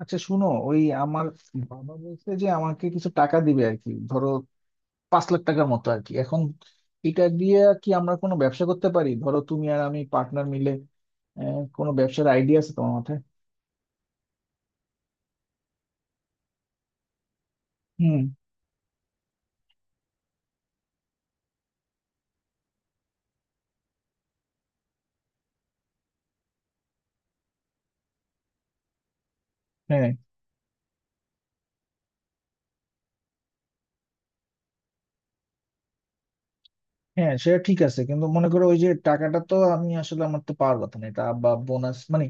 আচ্ছা, শুনো, ওই আমার বাবা বলছে যে আমাকে কিছু টাকা দিবে আর কি, ধরো 5 লাখ টাকার মতো আর কি। এখন এটা দিয়ে কি আমরা কোনো ব্যবসা করতে পারি? ধরো তুমি আর আমি পার্টনার মিলে। কোনো ব্যবসার আইডিয়া আছে তোমার মাথায়? হুম। হ্যাঁ হ্যাঁ, সেটা ঠিক আছে, কিন্তু মনে করো ওই যে টাকাটা তো আমি আসলে আমার তো পাওয়ার কথা না, এটা বা বোনাস মানে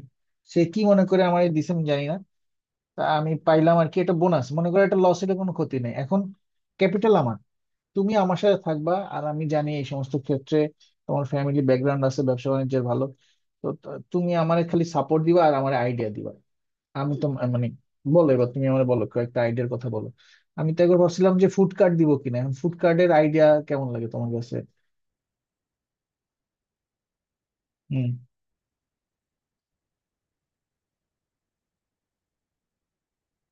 সে কি মনে করে আমার দিছে আমি জানি না। তা আমি পাইলাম আর কি, এটা বোনাস মনে করো, এটা লসের কোনো ক্ষতি নেই। এখন ক্যাপিটাল আমার, তুমি আমার সাথে থাকবা, আর আমি জানি এই সমস্ত ক্ষেত্রে তোমার ফ্যামিলি ব্যাকগ্রাউন্ড আছে ব্যবসা বাণিজ্যের ভালো। তো তুমি আমার খালি সাপোর্ট দিবা আর আমার আইডিয়া দিবা। আমি তো মানে বলো, এবার তুমি আমার বলো, কয়েকটা আইডিয়ার কথা বলো। আমি তো একবার ভাবছিলাম যে ফুড কার্ট দিব কিনা। এখন ফুড কার্টের আইডিয়া কেমন লাগে তোমার কাছে? হুম।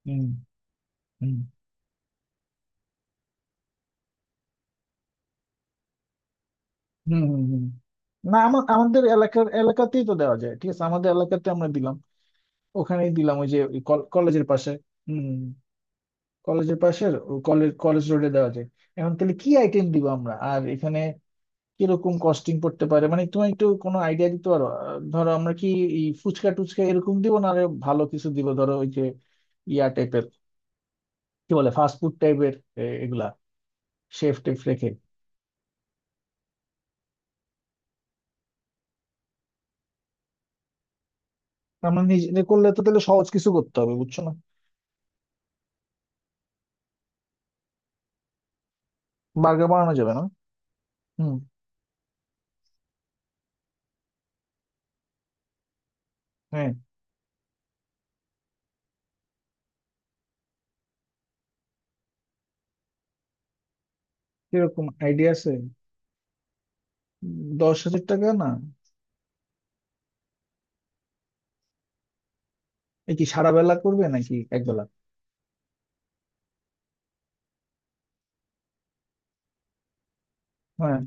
হুম হুম। হুম হুম হুম। না, আমার আমাদের এলাকার এলাকাতেই তো দেওয়া যায়। ঠিক আছে, আমাদের এলাকাতে আমরা দিলাম, ওখানেই দিলাম, ওই যে ওই কলেজের পাশে। হুম। কলেজের পাশের কলেজ, কলেজ রোডে দেওয়া যায়। এখন তাহলে কি আইটেম দিব আমরা আর এখানে কিরকম কস্টিং পড়তে পারে? মানে তুমি একটু কোনো আইডিয়া দিতে পারো? ধরো আমরা কি এই ফুচকা টুচকা এরকম দিব, না আরো ভালো কিছু দিব? ধরো ওই যে ইয়া টাইপের, কি বলে, ফাস্টফুড টাইপের এগুলা, শেফ টেফ রেখে। আমরা নিজে করলে তো তাহলে সহজ কিছু করতে হবে, বুঝছো না। বার্গার বানানো যাবে না। হুম। হ্যাঁ। কিরকম আইডিয়া আছে? 10 হাজার টাকা না? এ কি সারা বেলা করবে নাকি এক বেলা? হ্যাঁ।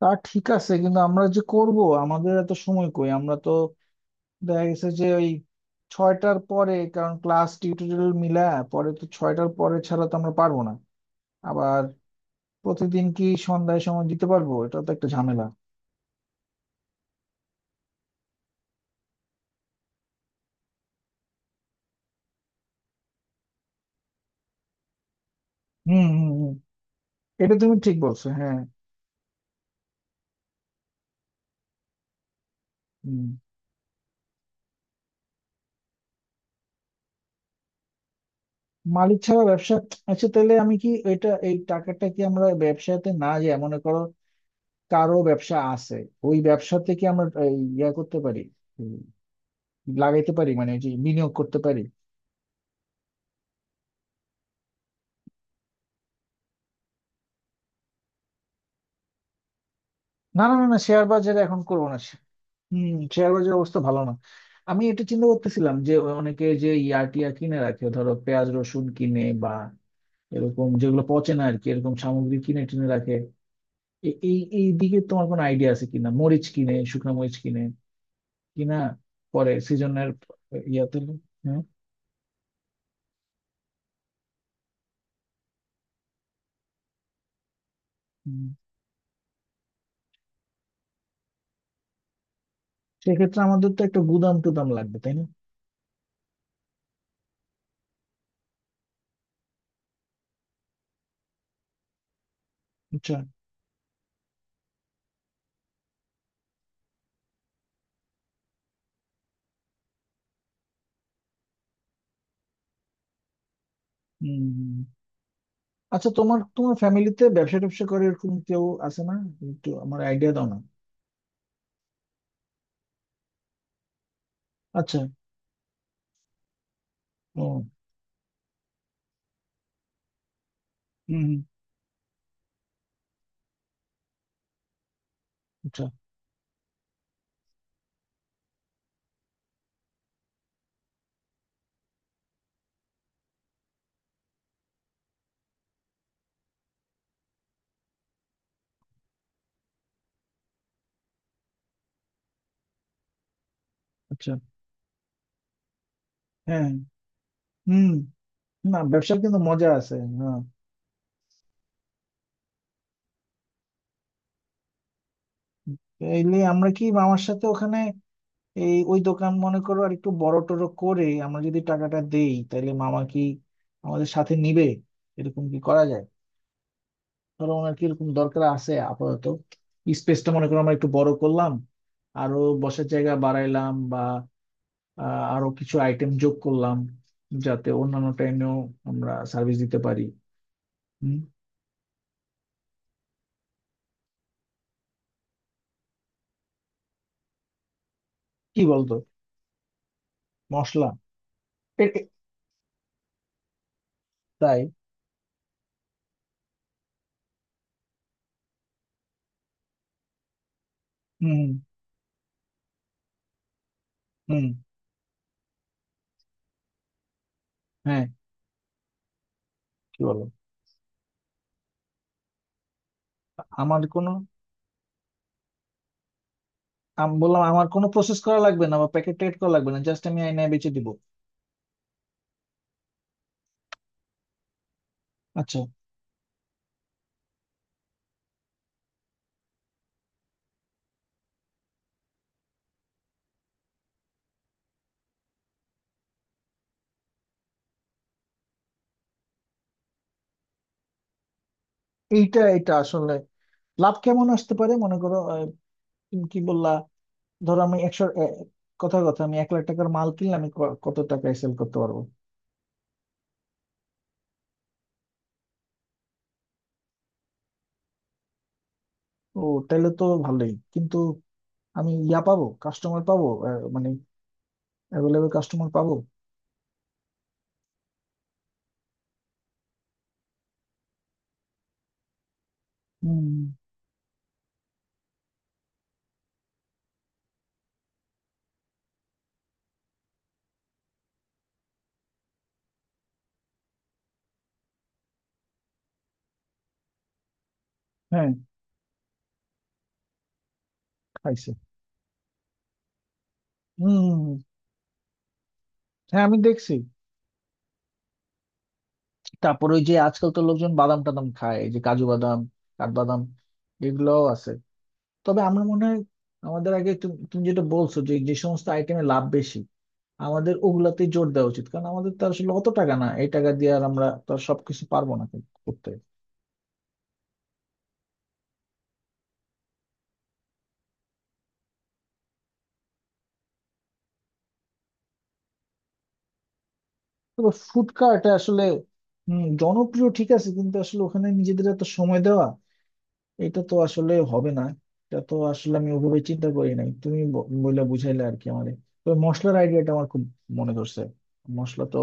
তা ঠিক আছে, কিন্তু আমরা যে করব, আমাদের এত সময় কই? আমরা তো দেখা গেছে যে ওই ছয়টার পরে, কারণ ক্লাস টিউটোরিয়াল মিলা পরে তো ছয়টার পরে ছাড়া তো আমরা পারবো না। আবার প্রতিদিন কি সন্ধ্যায় সময় দিতে পারবো, এটা তো একটা ঝামেলা। হুম হুম হুম। এটা তুমি ঠিক বলছো, হ্যাঁ। হুম। মালিক ছাড়া ব্যবসা। আচ্ছা, তাহলে আমি কি এটা এই টাকাটা কি আমরা ব্যবসাতে, না যে মনে করো কারো ব্যবসা আছে, ওই ব্যবসাতে কি আমরা এই ইয়া করতে পারি, উম, লাগাইতে পারি, মানে ওই যে বিনিয়োগ করতে পারি? না না না না, শেয়ার বাজারে এখন করবো না। হম, শেয়ার বাজারের অবস্থা ভালো না। আমি এটা চিন্তা করতেছিলাম যে অনেকে যে ইয়া টিয়া কিনে রাখে, ধরো পেঁয়াজ রসুন কিনে, বা এরকম যেগুলো পচে না আর কি, এরকম সামগ্রী কিনে টিনে রাখে। এই এই দিকে তোমার কোনো আইডিয়া আছে কিনা? মরিচ কিনে, শুকনো মরিচ কিনে কিনা, পরে সিজনের ইয়াতে। হ্যাঁ। হুম। সেক্ষেত্রে আমাদের তো একটা গুদাম টুদাম লাগবে, তাই না? আচ্ছা। হম। আচ্ছা, তোমার তোমার ফ্যামিলিতে ব্যবসা ট্যাবসা করে এরকম কেউ আছে না? একটু আমার আইডিয়া দাও না। আচ্ছা। ও। হুম হুম। আচ্ছা। আচ্ছা। হ্যাঁ। হুম। না, ব্যবসার কিন্তু মজা আছে। হ্যাঁ। এইলে আমরা কি মামার সাথে ওখানে, এই ওই দোকান মনে করো আর একটু বড় টড় করে আমরা যদি টাকাটা দেই, তাহলে মামা কি আমাদের সাথে নিবে, এরকম কি করা যায়? ধরো ওনার কি এরকম দরকার আছে আপাতত? স্পেসটা মনে করো আমরা একটু বড় করলাম, আরো বসার জায়গা বাড়াইলাম, বা আরো কিছু আইটেম যোগ করলাম, যাতে অন্যান্য টাইমেও আমরা সার্ভিস দিতে পারি। হুম। কি বলতো? মশলা? এ- এ- তাই? হুম হুম। হ্যাঁ। কি বলো? আমার কোনো, আমি বললাম, আমার কোনো প্রসেস করা লাগবে না বা প্যাকেট ট্যাকেট করা লাগবে না, জাস্ট আমি আয়নায় বেচে দিব। আচ্ছা। এইটা, এটা আসলে লাভ কেমন আসতে পারে মনে করো? তুমি কি বললা? ধরো আমি 100, কথা কথা আমি 1 লাখ টাকার মাল কিনলে আমি কত টাকায় সেল করতে পারবো? ও, তাহলে তো ভালোই কিন্তু। আমি ইয়া পাবো, কাস্টমার পাবো, মানে অ্যাভেলেবল কাস্টমার পাবো। হুম। হ্যাঁ। খাইছে। হুম। হ্যাঁ, আমি দেখছি। তারপর ওই যে আজকাল তো লোকজন বাদাম টাদাম খায়, এই যে কাজু বাদাম, কাঠবাদাম, এগুলোও আছে। তবে আমার মনে হয় আমাদের আগে তুমি তুমি যেটা বলছো যে যে সমস্ত আইটেমে লাভ বেশি, আমাদের ওগুলাতে জোর দেওয়া উচিত, কারণ আমাদের তো আসলে অত টাকা না, এই টাকা দিয়ে আর আমরা তো আর সবকিছু পারবো না করতে। তবে ফুড কার্ট আসলে, হম, জনপ্রিয় ঠিক আছে, কিন্তু আসলে ওখানে নিজেদের এত সময় দেওয়া, এটা তো আসলে হবে না। এটা তো আসলে আমি ওভাবে চিন্তা করি নাই, তুমি বইলা বুঝাইলে আর কি আমারে। তো মশলার আইডিয়াটা আমার খুব মনে ধরছে। মশলা তো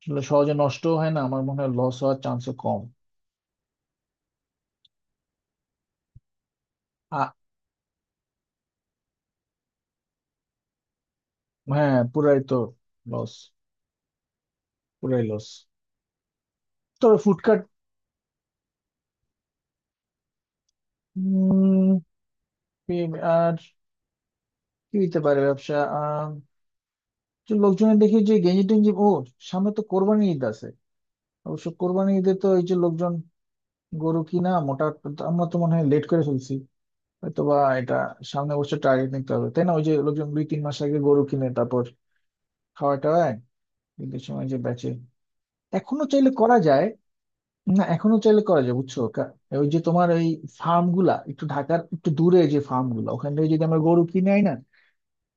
আসলে সহজে নষ্ট হয় না, আমার মনে হয় লস হওয়ার চান্স কম। আ। হ্যাঁ, পুরাই তো লস, পুরাই লস। তবে ফুডকার্ট, আর কি হইতে পারে ব্যবসা? আহ যে লোকজনের দেখি যে গেঞ্জি টেঞ্জি, ও, সামনে তো কোরবানি ঈদ আছে। অবশ্য কোরবানি ঈদে তো এই যে লোকজন গরু কিনা মোটা, আমরা তো মনে হয় লেট করে ফেলছি, হয়তো বা এটা সামনের বছর টার্গেট নিতে হবে তাই না? ওই যে লোকজন দুই তিন মাস আগে গরু কিনে তারপর খাওয়ায় টাওয়ায় ঈদের সময় যে বেচে, এখনো চাইলে করা যায়। না, এখনো চাইলে করা যায়, বুঝছো ওই যে তোমার ওই ফার্ম গুলা একটু ঢাকার একটু দূরে যে ফার্ম গুলা, ওখান থেকে যদি আমরা গরু কিনে আই না,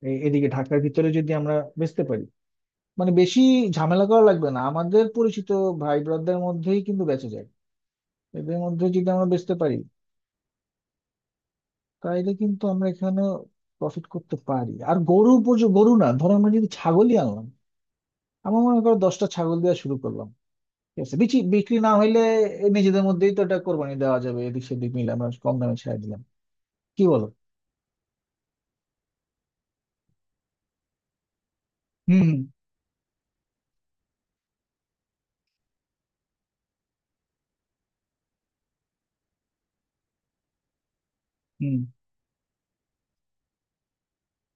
এদিকে ঢাকার ভিতরে যদি আমরা বেচতে পারি, মানে বেশি ঝামেলা করা লাগবে না, আমাদের পরিচিত ভাই ব্রাদারদের মধ্যেই কিন্তু বেচে যায়। এদের মধ্যে যদি আমরা বেচতে পারি, তাইলে কিন্তু আমরা এখানে প্রফিট করতে পারি। আর গরু পর্যন্ত, গরু না, ধরো আমরা যদি ছাগলই আনলাম, আমার মনে করো 10টা ছাগল দেওয়া শুরু করলাম। ঠিক আছে, বিচি বিক্রি না হইলে নিজেদের মধ্যেই তো এটা কোরবানি দেওয়া যাবে, এদিক সেদিক মিলে আমরা কম দামে ছেড়ে দিলাম। কি বলো? হুম হুম হুম।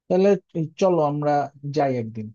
তাহলে এই চলো আমরা যাই একদিন।